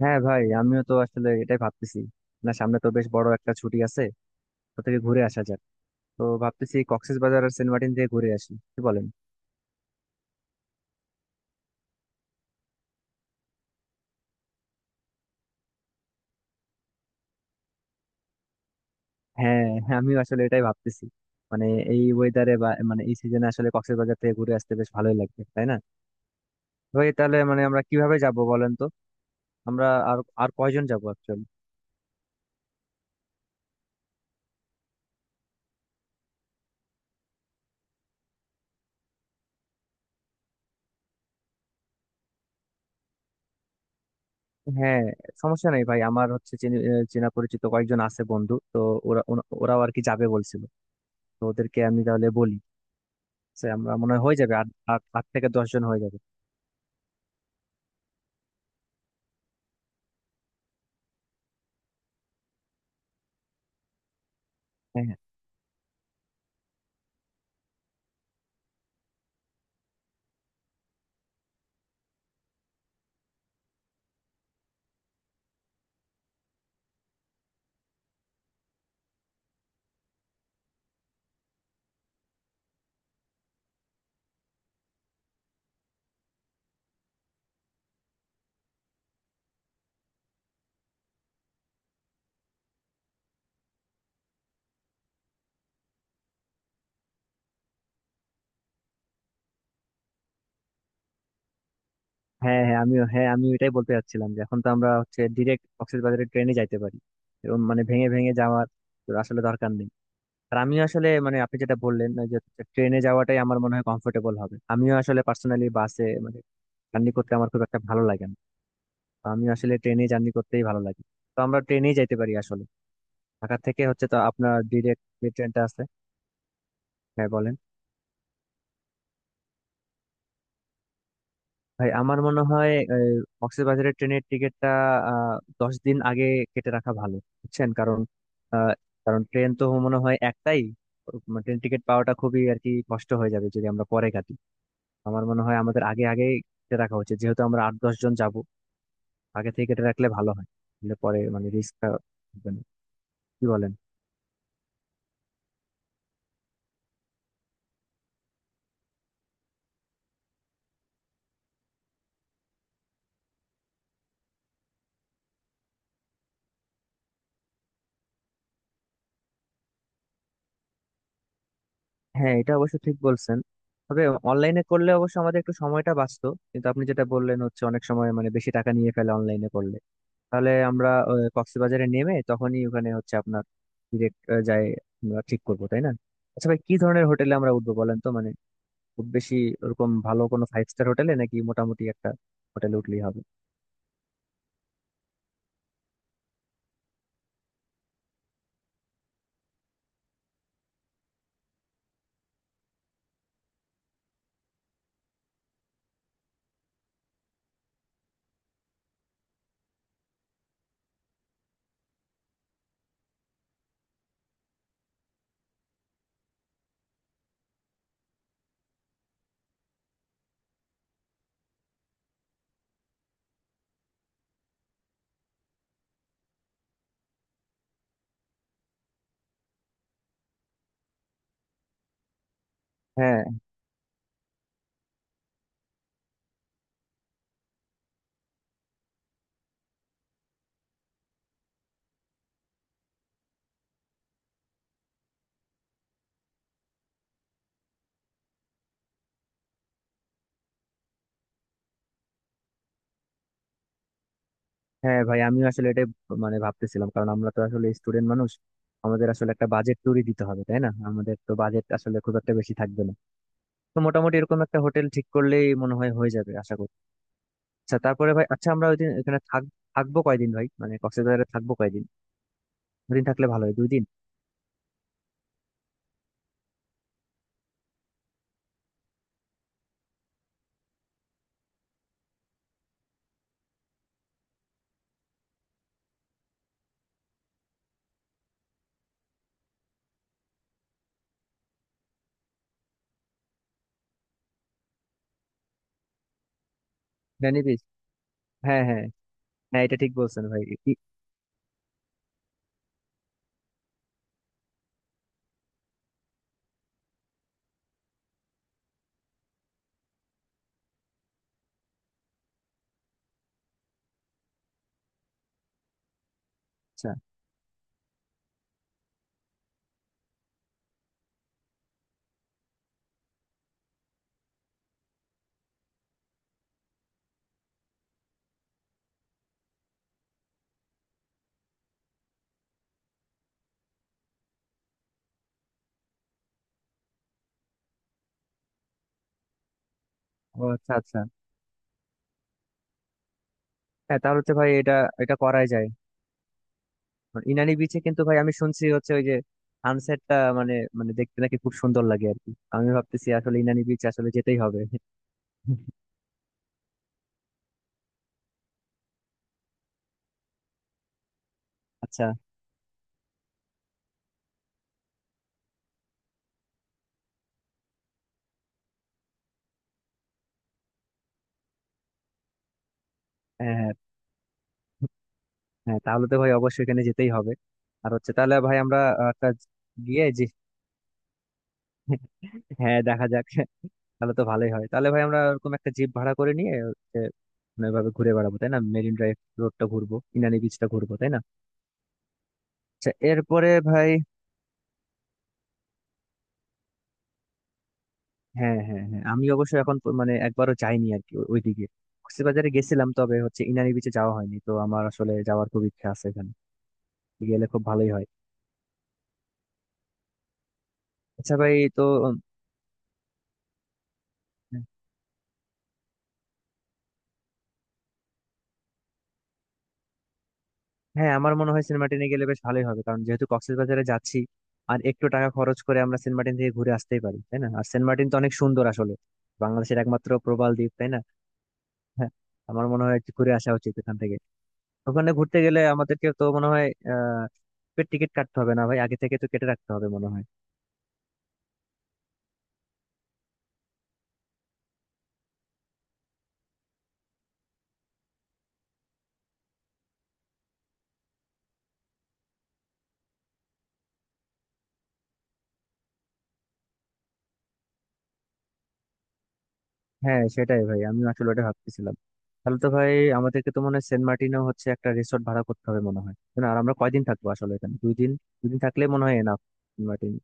হ্যাঁ ভাই, আমিও তো আসলে এটাই ভাবতেছি। না, সামনে তো বেশ বড় একটা ছুটি আছে, তো থেকে ঘুরে আসা যাক। তো ভাবতেছি কক্সবাজার আর সেন্ট মার্টিন থেকে ঘুরে আসি, কি বলেন? হ্যাঁ, হ্যাঁ, আমিও আসলে এটাই ভাবতেছি। মানে এই ওয়েদারে বা মানে এই সিজনে আসলে কক্সবাজার থেকে ঘুরে আসতে বেশ ভালোই লাগবে, তাই না? ভাই, তাহলে মানে আমরা কিভাবে যাব বলেন তো। আমরা আর আর কয়জন যাব অ্যাকচুয়ালি? হ্যাঁ, সমস্যা নেই ভাই। আমার হচ্ছে চেনা পরিচিত কয়েকজন আছে, বন্ধু তো। ওরা ওরা- ওরাও আর কি যাবে বলছিল। তো ওদেরকে আমি তাহলে বলি, সে আমরা মনে হয় হয়ে যাবে, আট আট আট থেকে দশ জন হয়ে যাবে। হ্যাঁ, হ্যাঁ, হ্যাঁ, হ্যাঁ আমিও, হ্যাঁ আমি এটাই বলতে চাচ্ছিলাম যে এখন তো আমরা হচ্ছে ডিরেক্ট কক্সবাজারের ট্রেনে যাইতে পারি। এরকম মানে ভেঙে ভেঙে যাওয়ার তো আসলে দরকার নেই। আর আমিও আসলে মানে আপনি যেটা বললেন, ওই যে ট্রেনে যাওয়াটাই আমার মনে হয় কমফোর্টেবল হবে। আমিও আসলে পার্সোনালি বাসে মানে জার্নি করতে আমার খুব একটা ভালো লাগে না। তো আমি আসলে ট্রেনে জার্নি করতেই ভালো লাগে। তো আমরা ট্রেনেই যাইতে পারি আসলে। ঢাকা থেকে হচ্ছে তো আপনার ডিরেক্ট যে ট্রেনটা আছে। হ্যাঁ, বলেন। ভাই, আমার মনে হয় কক্সবাজারের ট্রেনের টিকিটটা 10 দিন আগে কেটে রাখা ভালো, বুঝছেন? আহ, কারণ ট্রেন তো মনে হয় একটাই। মানে ট্রেন টিকিট পাওয়াটা খুবই আর কি কষ্ট হয়ে যাবে যদি আমরা পরে কাটি। আমার মনে হয় আমাদের আগে আগে কেটে রাখা উচিত, যেহেতু আমরা 8-10 জন যাব। আগে থেকে কেটে রাখলে ভালো হয়, তাহলে পরে মানে রিস্কটা থাকবে না। কি বলেন? হ্যাঁ, এটা অবশ্য ঠিক বলছেন। তবে অনলাইনে করলে অবশ্য আমাদের একটু সময়টা বাঁচতো, কিন্তু আপনি যেটা বললেন হচ্ছে অনেক সময় মানে বেশি টাকা নিয়ে ফেলে অনলাইনে করলে। তাহলে আমরা কক্সবাজারে নেমে তখনই ওখানে হচ্ছে আপনার ডিরেক্ট যাই আমরা ঠিক করবো, তাই না? আচ্ছা ভাই, কি ধরনের হোটেলে আমরা উঠবো বলেন তো। মানে খুব বেশি ওরকম ভালো কোনো ফাইভ স্টার হোটেলে, নাকি মোটামুটি একটা হোটেলে উঠলেই হবে? হ্যাঁ, হ্যাঁ ভাই, আমিও আসলে এটাই মানে ভাবতেছিলাম, কারণ আমরা তো আসলে স্টুডেন্ট মানুষ। আমাদের আসলে একটা বাজেট ট্যুরই দিতে হবে, তাই না? আমাদের তো বাজেট আসলে খুব একটা বেশি থাকবে না। তো মোটামুটি এরকম একটা হোটেল ঠিক করলেই মনে হয় হয়ে যাবে, আশা করি। আচ্ছা, তারপরে ভাই, আচ্ছা আমরা ওইদিন এখানে থাকবো কয়দিন ভাই? মানে কক্সবাজারে থাকবো কয়দিন? দুদিন থাকলে ভালো হয়, 2 দিন। ভ্যানি বিচ। হ্যাঁ, হ্যাঁ, হ্যাঁ, এটা ঠিক বলছেন ভাই। আচ্ছা, ও আচ্ছা, আচ্ছা। হ্যাঁ তাহলে হচ্ছে ভাই এটা এটা করাই যায়। ইনানি বিচে কিন্তু ভাই আমি শুনছি হচ্ছে ওই যে সানসেটটা, মানে মানে দেখতে নাকি খুব সুন্দর লাগে আর কি। আমি ভাবতেছি আসলে ইনানি বিচ আসলে যেতেই হবে। আচ্ছা, হ্যাঁ, হ্যাঁ, হ্যাঁ, তাহলে তো ভাই অবশ্যই এখানে যেতেই হবে। আর হচ্ছে তাহলে ভাই আমরা একটা গিয়ে যে। হ্যাঁ, দেখা যাক। তাহলে তো ভালোই হয়। তাহলে ভাই আমরা এরকম একটা জিপ ভাড়া করে নিয়ে হচ্ছে, মানে এভাবে ঘুরে বেড়াবো তাই না? মেরিন ড্রাইভ রোডটা ঘুরবো, ইনানি বিচটা ঘুরবো, তাই না? আচ্ছা, এরপরে ভাই। হ্যাঁ, হ্যাঁ, হ্যাঁ, আমি অবশ্য এখন মানে একবারও যাইনি আর কি ওই দিকে। কক্সবাজারে গেছিলাম, তবে হচ্ছে ইনানি বিচে যাওয়া হয়নি। তো আমার আসলে যাওয়ার খুব ইচ্ছা আছে, এখানে গেলে খুব ভালোই হয়। আচ্ছা ভাই তো। হ্যাঁ আমার মনে হয় সিনেমা টেনে গেলে বেশ ভালোই হবে, কারণ যেহেতু কক্সবাজারে যাচ্ছি। আর একটু টাকা খরচ করে আমরা সেন্ট মার্টিন থেকে ঘুরে আসতেই পারি তাই না? আর সেন্ট মার্টিন তো অনেক সুন্দর আসলে, বাংলাদেশের একমাত্র প্রবাল দ্বীপ, তাই না? হ্যাঁ, আমার মনে হয় একটু ঘুরে আসা উচিত এখান থেকে। ওখানে ঘুরতে গেলে আমাদেরকে তো মনে হয় আহ টিকিট কাটতে হবে না ভাই? আগে থেকে তো কেটে রাখতে হবে মনে হয়। হ্যাঁ সেটাই ভাই, আমি আসলে ওটা ভাবতেছিলাম। তাহলে তো ভাই আমাদেরকে তো মনে হয় সেন্ট মার্টিনেও হচ্ছে একটা রিসোর্ট ভাড়া করতে হবে মনে হয়, তাই না? আর আমরা কয়দিন থাকবো আসলে এখানে, 2 দিন? 2 দিন থাকলে মনে হয় এনাফ সেন্ট মার্টিন।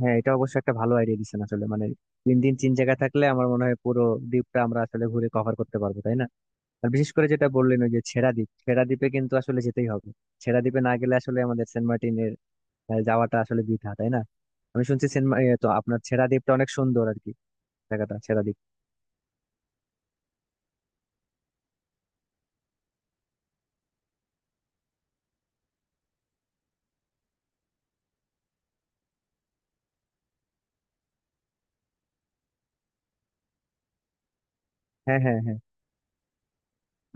হ্যাঁ, এটা অবশ্য একটা ভালো আইডিয়া দিচ্ছেন আসলে। মানে 3 দিন 3 জায়গায় থাকলে আমার মনে হয় পুরো দ্বীপটা আমরা আসলে ঘুরে কভার করতে পারবো, তাই না? আর বিশেষ করে যেটা বললেন ওই যে ছেড়া দ্বীপ। ছেড়া দ্বীপে কিন্তু আসলে যেতেই হবে। ছেড়া দ্বীপে না গেলে আসলে আমাদের সেন্ট মার্টিনের যাওয়াটা আসলে বৃথা, তাই না? আমি শুনছি সেন্ট তো আপনার ছেড়া দ্বীপটা অনেক সুন্দর আর কি, জায়গাটা ছেড়া দ্বীপ। হ্যাঁ, হ্যাঁ, হ্যাঁ।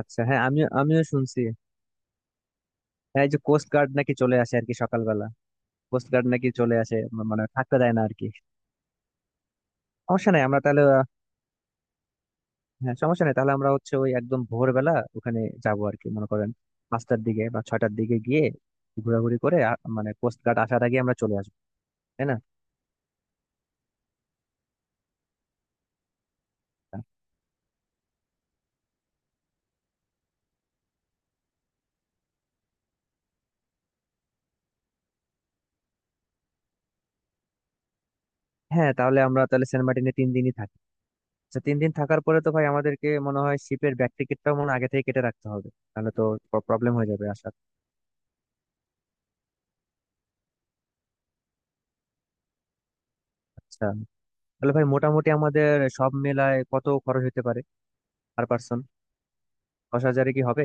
আচ্ছা, হ্যাঁ আমিও আমিও শুনছি। হ্যাঁ, এই যে কোস্ট গার্ড নাকি চলে আসে আর কি সকালবেলা। কোস্ট গার্ড নাকি চলে আসে, মানে থাকতে দেয় না আর কি। সমস্যা নাই, আমরা তাহলে। হ্যাঁ, সমস্যা নেই তাহলে আমরা হচ্ছে ওই একদম ভোরবেলা ওখানে যাবো আর কি, মনে করেন 5টার দিকে বা 6টার দিকে গিয়ে ঘোরাঘুরি করে মানে কোস্ট গার্ড আসার আগে আমরা চলে আসবো, তাই না? হ্যাঁ, তাহলে আমরা তাহলে সেন্ট মার্টিনে তিন দিনই থাকি। আচ্ছা, 3 দিন থাকার পরে তো ভাই আমাদেরকে মনে হয় শিপের ব্যাক টিকিটটাও মনে হয় আগে থেকে কেটে রাখতে হবে, তাহলে তো প্রবলেম হয়ে যাবে আসার। আচ্ছা তাহলে ভাই, মোটামুটি আমাদের সব মেলায় কত খরচ হতে পারে পার পার্সন? 10 হাজারে কি হবে?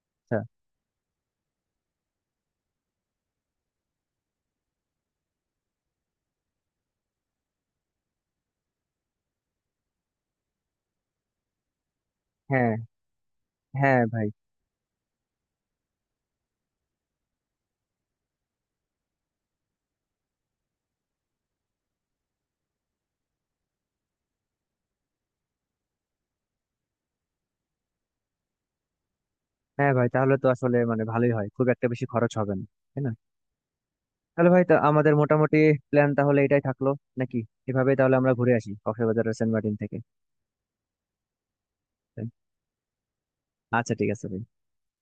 আচ্ছা। হ্যাঁ, হ্যাঁ ভাই। হ্যাঁ ভাই, তাহলে তো আসলে মানে ভালোই হয়, খুব একটা বেশি খরচ হবে না, তাই না? তাহলে ভাই তা আমাদের মোটামুটি প্ল্যান তাহলে এটাই থাকলো, নাকি? এভাবে তাহলে আমরা ঘুরে আসি কক্সবাজারের সেন্ট মার্টিন থেকে। আচ্ছা, ঠিক আছে ভাই।